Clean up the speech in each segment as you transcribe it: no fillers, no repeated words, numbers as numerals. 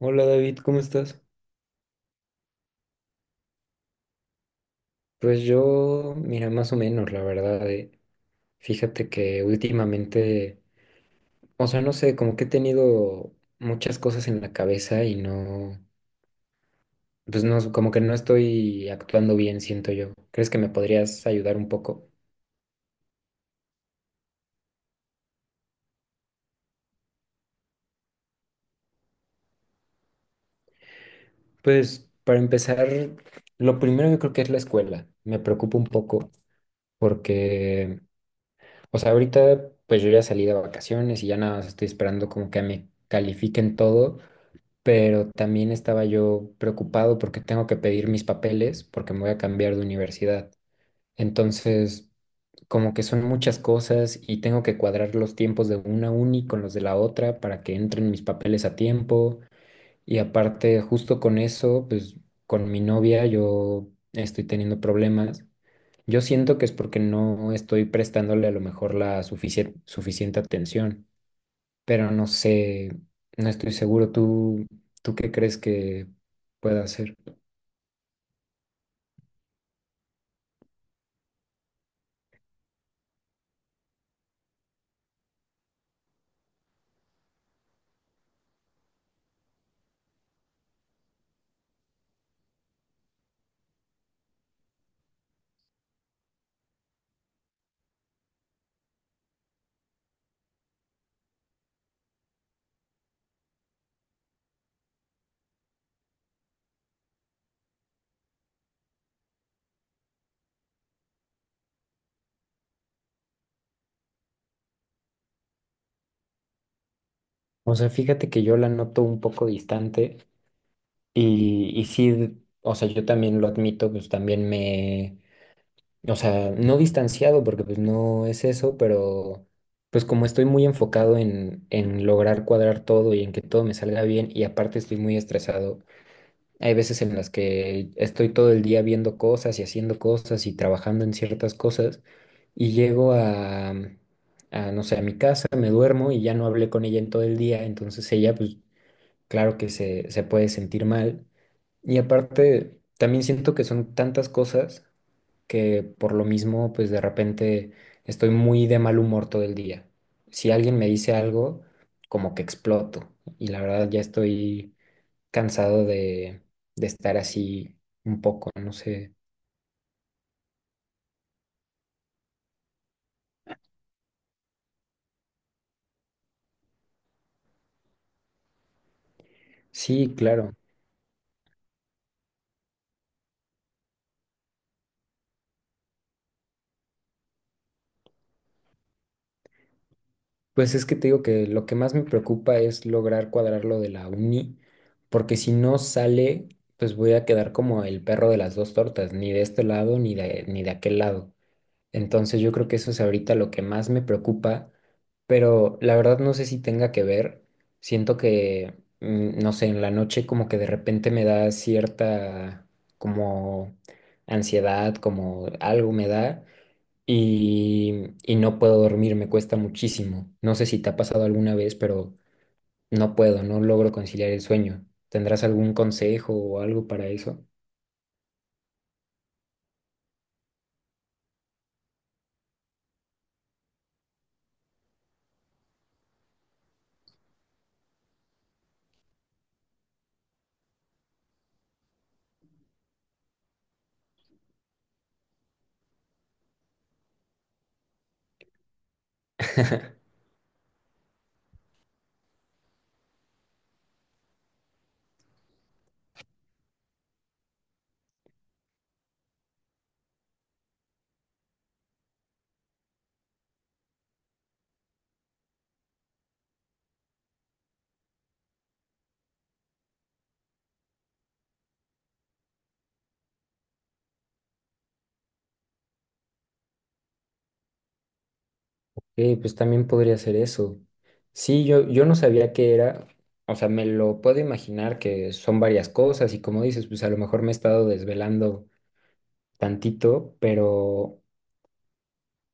Hola David, ¿cómo estás? Pues yo, mira, más o menos, la verdad. Fíjate que últimamente, o sea, no sé, como que he tenido muchas cosas en la cabeza y no, pues no, como que no estoy actuando bien, siento yo. ¿Crees que me podrías ayudar un poco? Pues para empezar, lo primero yo creo que es la escuela. Me preocupa un poco porque, o sea, ahorita pues yo ya salí de vacaciones y ya nada más estoy esperando como que me califiquen todo, pero también estaba yo preocupado porque tengo que pedir mis papeles porque me voy a cambiar de universidad. Entonces, como que son muchas cosas y tengo que cuadrar los tiempos de una uni con los de la otra para que entren mis papeles a tiempo. Y aparte, justo con eso, pues con mi novia yo estoy teniendo problemas. Yo siento que es porque no estoy prestándole a lo mejor la suficiente atención, pero no sé, no estoy seguro. ¿Tú qué crees que pueda hacer? O sea, fíjate que yo la noto un poco distante y sí, o sea, yo también lo admito, pues también me, o sea, no distanciado porque pues no es eso, pero pues como estoy muy enfocado en, lograr cuadrar todo y en que todo me salga bien, y aparte estoy muy estresado. Hay veces en las que estoy todo el día viendo cosas y haciendo cosas y trabajando en ciertas cosas, y llego a, no sé, a mi casa, me duermo y ya no hablé con ella en todo el día, entonces ella, pues claro que se puede sentir mal. Y aparte, también siento que son tantas cosas que por lo mismo, pues de repente estoy muy de mal humor todo el día. Si alguien me dice algo, como que exploto, y la verdad ya estoy cansado de estar así un poco, no sé. Sí, claro. Pues es que te digo que lo que más me preocupa es lograr cuadrar lo de la uni, porque si no sale, pues voy a quedar como el perro de las dos tortas, ni de este lado ni de aquel lado. Entonces yo creo que eso es ahorita lo que más me preocupa, pero la verdad no sé si tenga que ver. Siento que, no sé, en la noche como que de repente me da cierta como ansiedad, como algo me da, y no puedo dormir, me cuesta muchísimo. No sé si te ha pasado alguna vez, pero no puedo, no logro conciliar el sueño. ¿Tendrás algún consejo o algo para eso? Pues también podría ser eso. Sí, yo no sabía qué era, o sea, me lo puedo imaginar que son varias cosas y como dices, pues a lo mejor me he estado desvelando tantito, pero,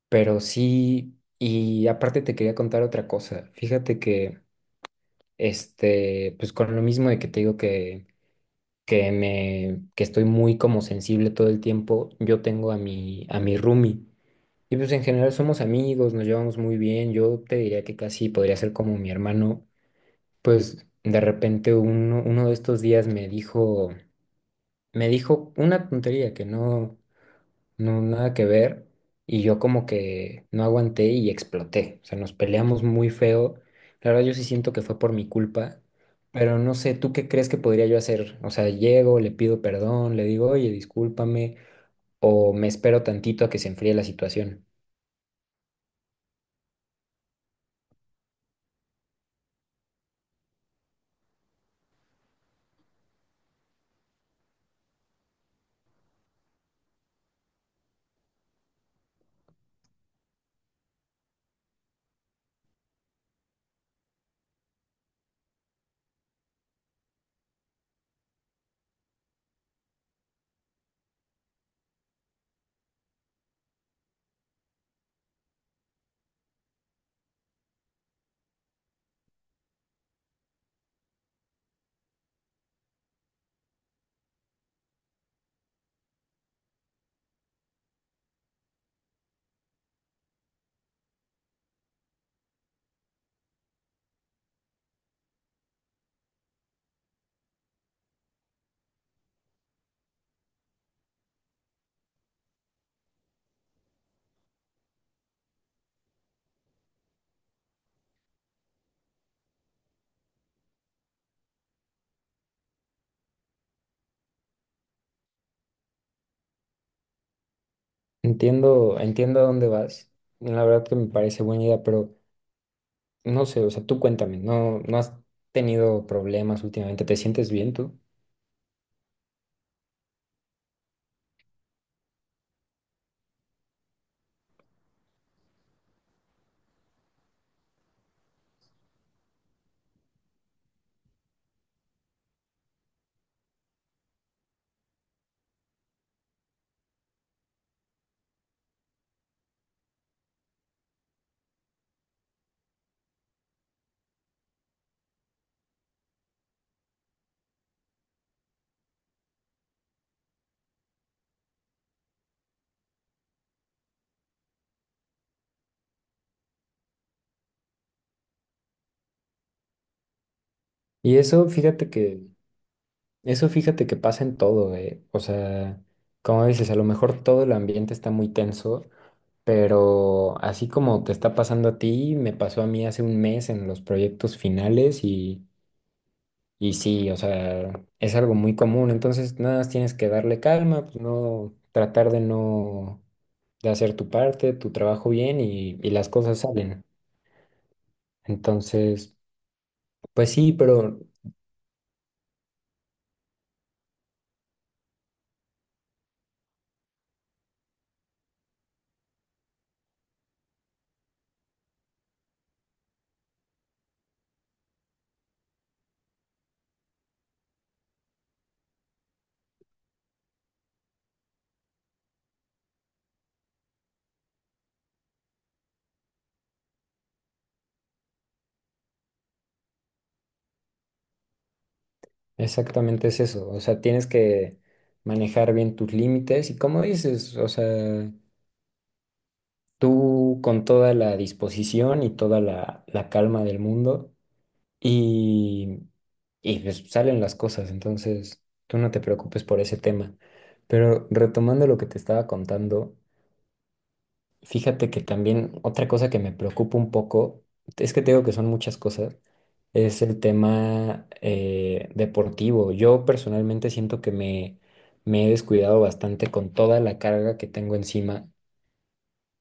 pero sí, y aparte te quería contar otra cosa. Fíjate que, pues con lo mismo de que te digo que estoy muy como sensible todo el tiempo, yo tengo a mi, roomie. Y pues en general somos amigos, nos llevamos muy bien. Yo te diría que casi podría ser como mi hermano. Pues de repente uno de estos días me dijo una tontería que no, no, nada que ver, y yo como que no aguanté y exploté. O sea, nos peleamos muy feo. La verdad, yo sí siento que fue por mi culpa, pero no sé, ¿tú qué crees que podría yo hacer? O sea, llego, le pido perdón, le digo, oye, discúlpame, o me espero tantito a que se enfríe la situación. Entiendo, entiendo a dónde vas. La verdad que me parece buena idea, pero. No sé, o sea, tú cuéntame, ¿no has tenido problemas últimamente? ¿Te sientes bien tú? Y eso, fíjate que, eso fíjate que pasa en todo. O sea, como dices, a lo mejor todo el ambiente está muy tenso, pero así como te está pasando a ti, me pasó a mí hace un mes en los proyectos finales, y sí, o sea, es algo muy común. Entonces, nada más tienes que darle calma, pues no, tratar de no, de hacer tu parte, tu trabajo bien, y las cosas salen. Entonces, pues sí, pero exactamente es eso. O sea, tienes que manejar bien tus límites y como dices, o sea, tú con toda la disposición y toda la calma del mundo, y, y pues salen las cosas. Entonces, tú no te preocupes por ese tema. Pero retomando lo que te estaba contando. Fíjate que también otra cosa que me preocupa un poco, es que te digo que son muchas cosas, es el tema deportivo. Yo personalmente siento que me, he descuidado bastante con toda la carga que tengo encima,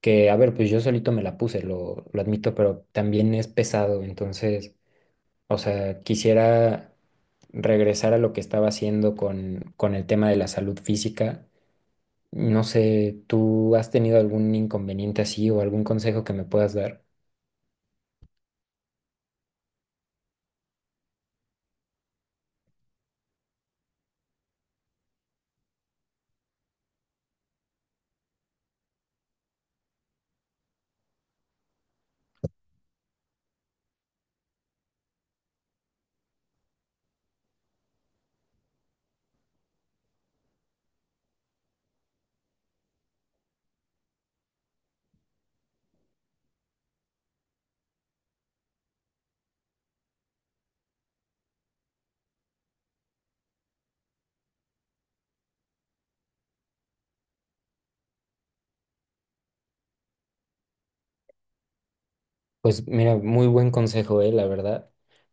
que a ver, pues yo solito me la puse, lo admito, pero también es pesado, entonces, o sea, quisiera regresar a lo que estaba haciendo con el tema de la salud física. No sé, ¿tú has tenido algún inconveniente así o algún consejo que me puedas dar? Pues mira, muy buen consejo, la verdad,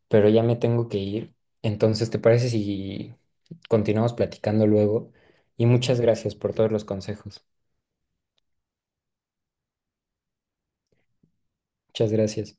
pero ya me tengo que ir. Entonces, ¿te parece si continuamos platicando luego? Y muchas gracias por todos los consejos. Muchas gracias.